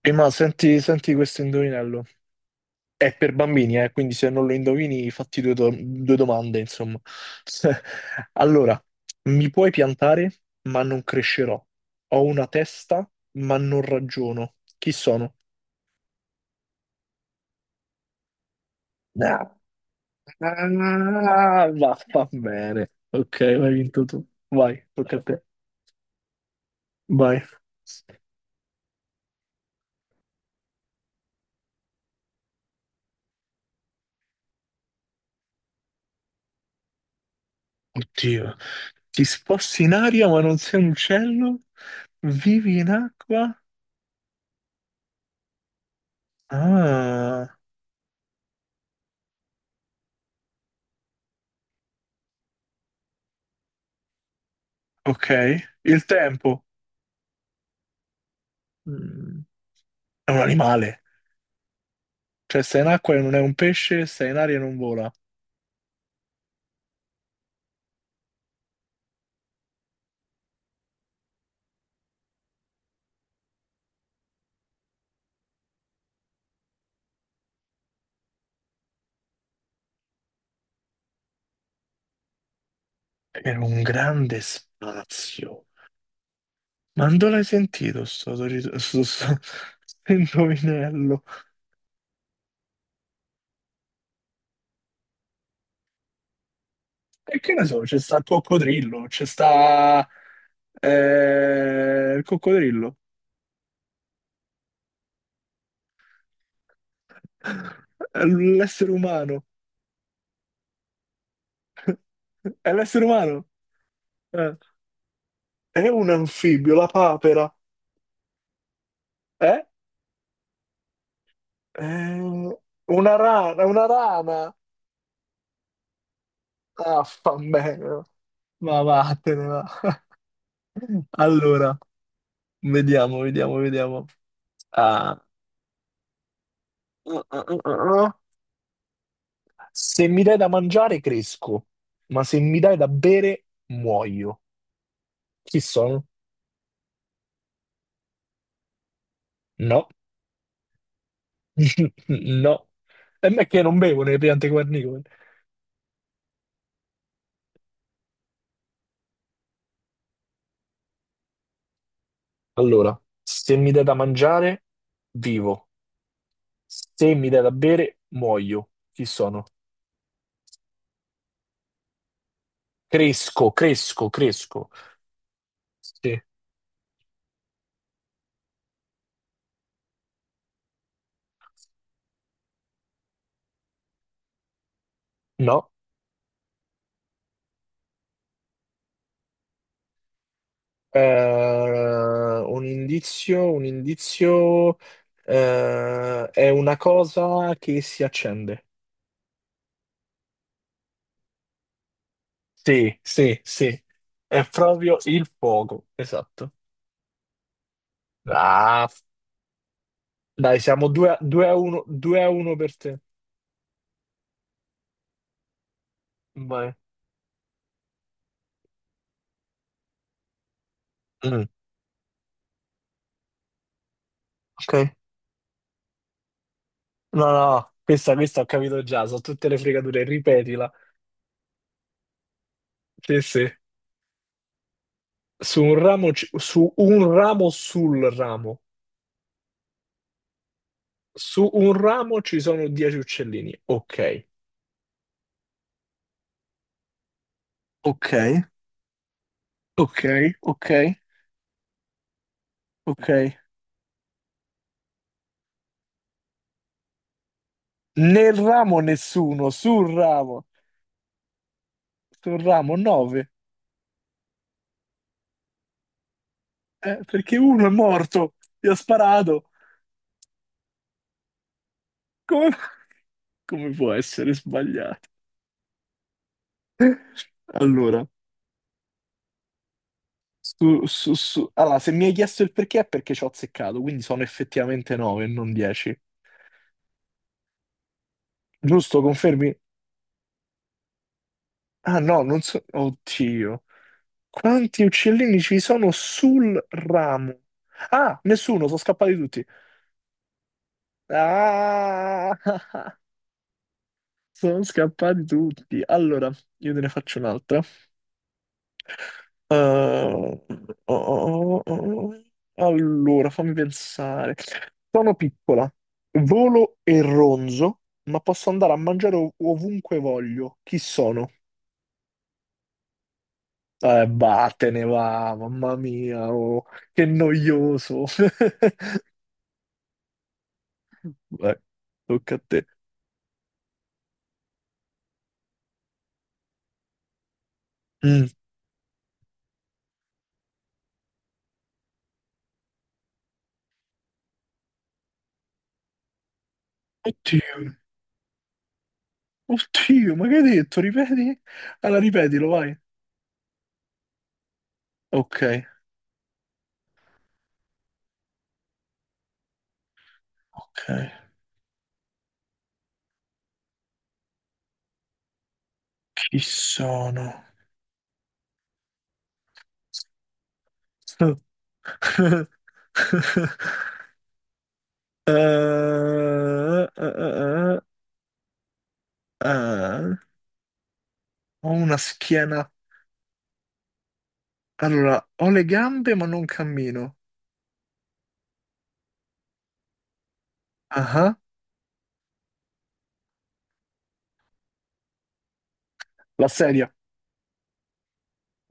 Prima senti, senti questo indovinello. È per bambini, quindi se non lo indovini, fatti due domande, insomma. Allora, mi puoi piantare, ma non crescerò. Ho una testa, ma non ragiono. Chi sono? Ah, ah, va bene. Ok, l'hai vinto tu. Vai, tocca a te. Vai. Oddio. Ti sposti in aria, ma non sei un uccello? Vivi in acqua? Ah. Ok? Il tempo. Mm, è un animale, cioè sta in acqua e non è un pesce, sta in aria e non vola. Per un grande spazio. Ma non l'hai sentito sto, sto indovinello? E che ne so, c'è sta il coccodrillo, c'è sta il coccodrillo. È l'essere umano, è l'essere umano. Eh. È un anfibio, la papera, eh? È una rana, una rana. Ah, fa bene. Ma vattene, va. Allora, vediamo, vediamo, vediamo. Ah, uh, uh, uh, uh, uh. Se mi dai da mangiare, cresco, ma se mi dai da bere, muoio. Chi sono? No, no. E me che non bevo nelle piante guarnicole. Allora, se mi dai da mangiare, vivo. Se mi dai da bere, muoio. Chi sono? Cresco, cresco, cresco. Sì. No. Un indizio, è una cosa che si accende. Sì, sì, sì, è proprio il fuoco, esatto. Ah, dai, siamo 2-1, 2-1 per te. Vai. Mm, ok. No, no, questa ho capito già, sono tutte le fregature, ripetila. Sì, sì. Su un ramo, ci- su un ramo sul ramo. Su un ramo ci sono 10 uccellini. Ok. Ok. Ok, ok, ok. Nel ramo nessuno, sul ramo 9, perché uno è morto, gli ha sparato. Come, come può essere sbagliato? Allora, se mi hai chiesto il perché è perché ci ho azzeccato, quindi sono effettivamente 9 e non 10. Giusto, confermi? Ah no, non so. Oddio. Quanti uccellini ci sono sul ramo? Ah, nessuno, sono scappati tutti. Ah! Sono scappati tutti. Allora, io te ne faccio un'altra. Oh, oh, oh, oh, oh. Allora, fammi pensare. Sono piccola, volo e ronzo, ma posso andare a mangiare ovunque voglio. Chi sono? Vattene va, mamma mia, oh, che noioso. Vai, tocca a te. Mm. Oddio, oddio, ma che hai detto? Ripeti? Allora, ripetilo, vai. Ok, ok. Chi sono? Eh, eh, eh, eh. Eh. Ho una schiena. Allora, ho le gambe ma non cammino. Ah, ah. La sedia.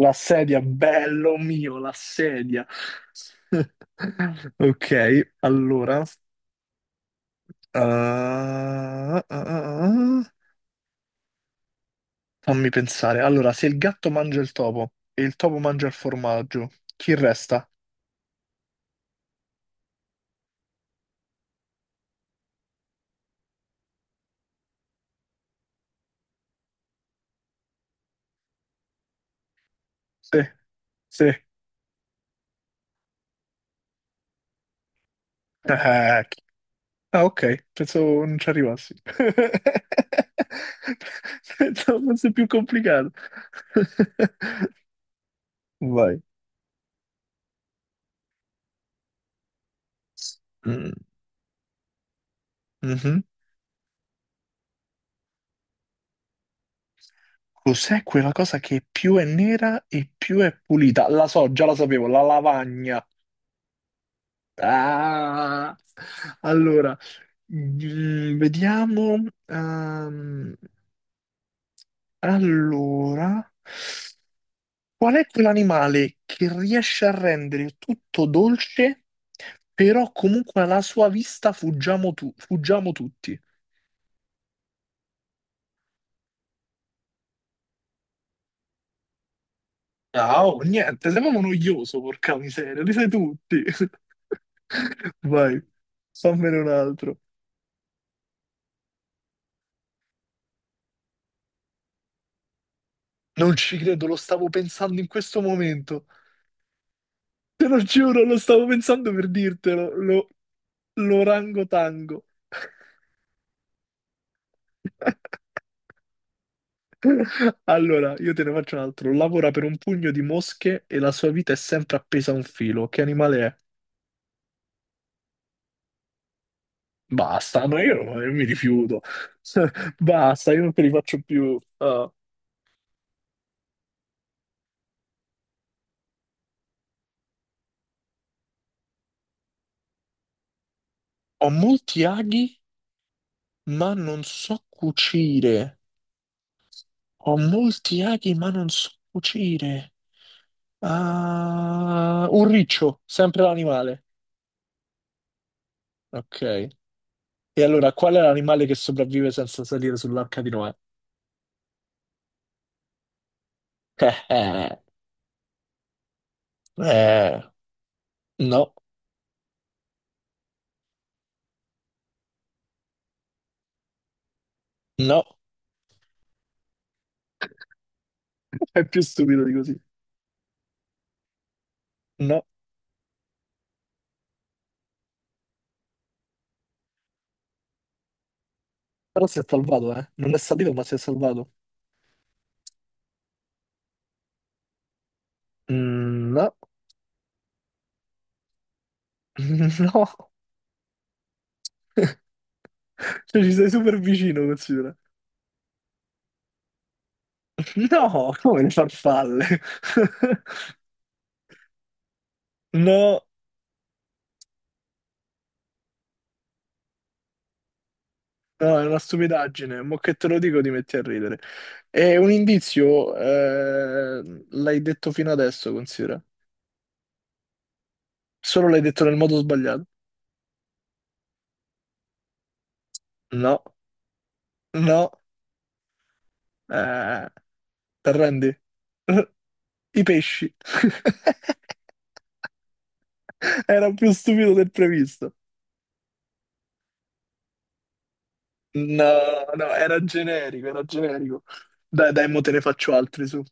La sedia, bello mio, la sedia. Ok, allora. Ah, ah, ah. Ah. Fammi pensare. Allora, se il gatto mangia il topo e il topo mangia il formaggio, chi resta? Sì, sì. Ah, chi- ah, ok, pensavo non ci arrivassi. Pensavo fosse più complicato. Vai. Mm, mhm. Cos'è quella cosa che più è nera e più è pulita? La so, già la sapevo, la lavagna. Ah! Allora, vediamo. Allora. Qual è quell'animale che riesce a rendere tutto dolce, però comunque alla sua vista fuggiamo, fuggiamo tutti? Ciao, niente, sei proprio noioso, porca miseria, li sai tutti. Vai, fammene un altro. Non ci credo, lo stavo pensando in questo momento. Te lo giuro, lo stavo pensando per dirtelo, l'orangotango. Allora, io te ne faccio un altro. Lavora per un pugno di mosche e la sua vita è sempre appesa a un filo. Che animale è? Basta, ma io mi rifiuto. Basta, io non te li faccio più. Ah. Ho molti aghi, ma non so cucire. Ho molti aghi, ma non so cucire. Ah, un riccio, sempre l'animale. Ok. E allora, qual è l'animale che sopravvive senza salire sull'arca di Noè? Eh, eh, eh, no, no. È più stupido di così. No, però si è salvato, eh. Non è salito, ma si è salvato. No, no, Cioè, ci sei super vicino, considera. No, come le farfalle. No, no, è una stupidaggine. Mo' che te lo dico, ti metti a ridere. È un indizio, l'hai detto fino adesso, considera. Solo l'hai detto nel modo sbagliato. No. No, eh, ti arrendi? I pesci. Era più stupido del previsto. No, no, era generico, era generico. Dai, dai, mo te ne faccio altri su.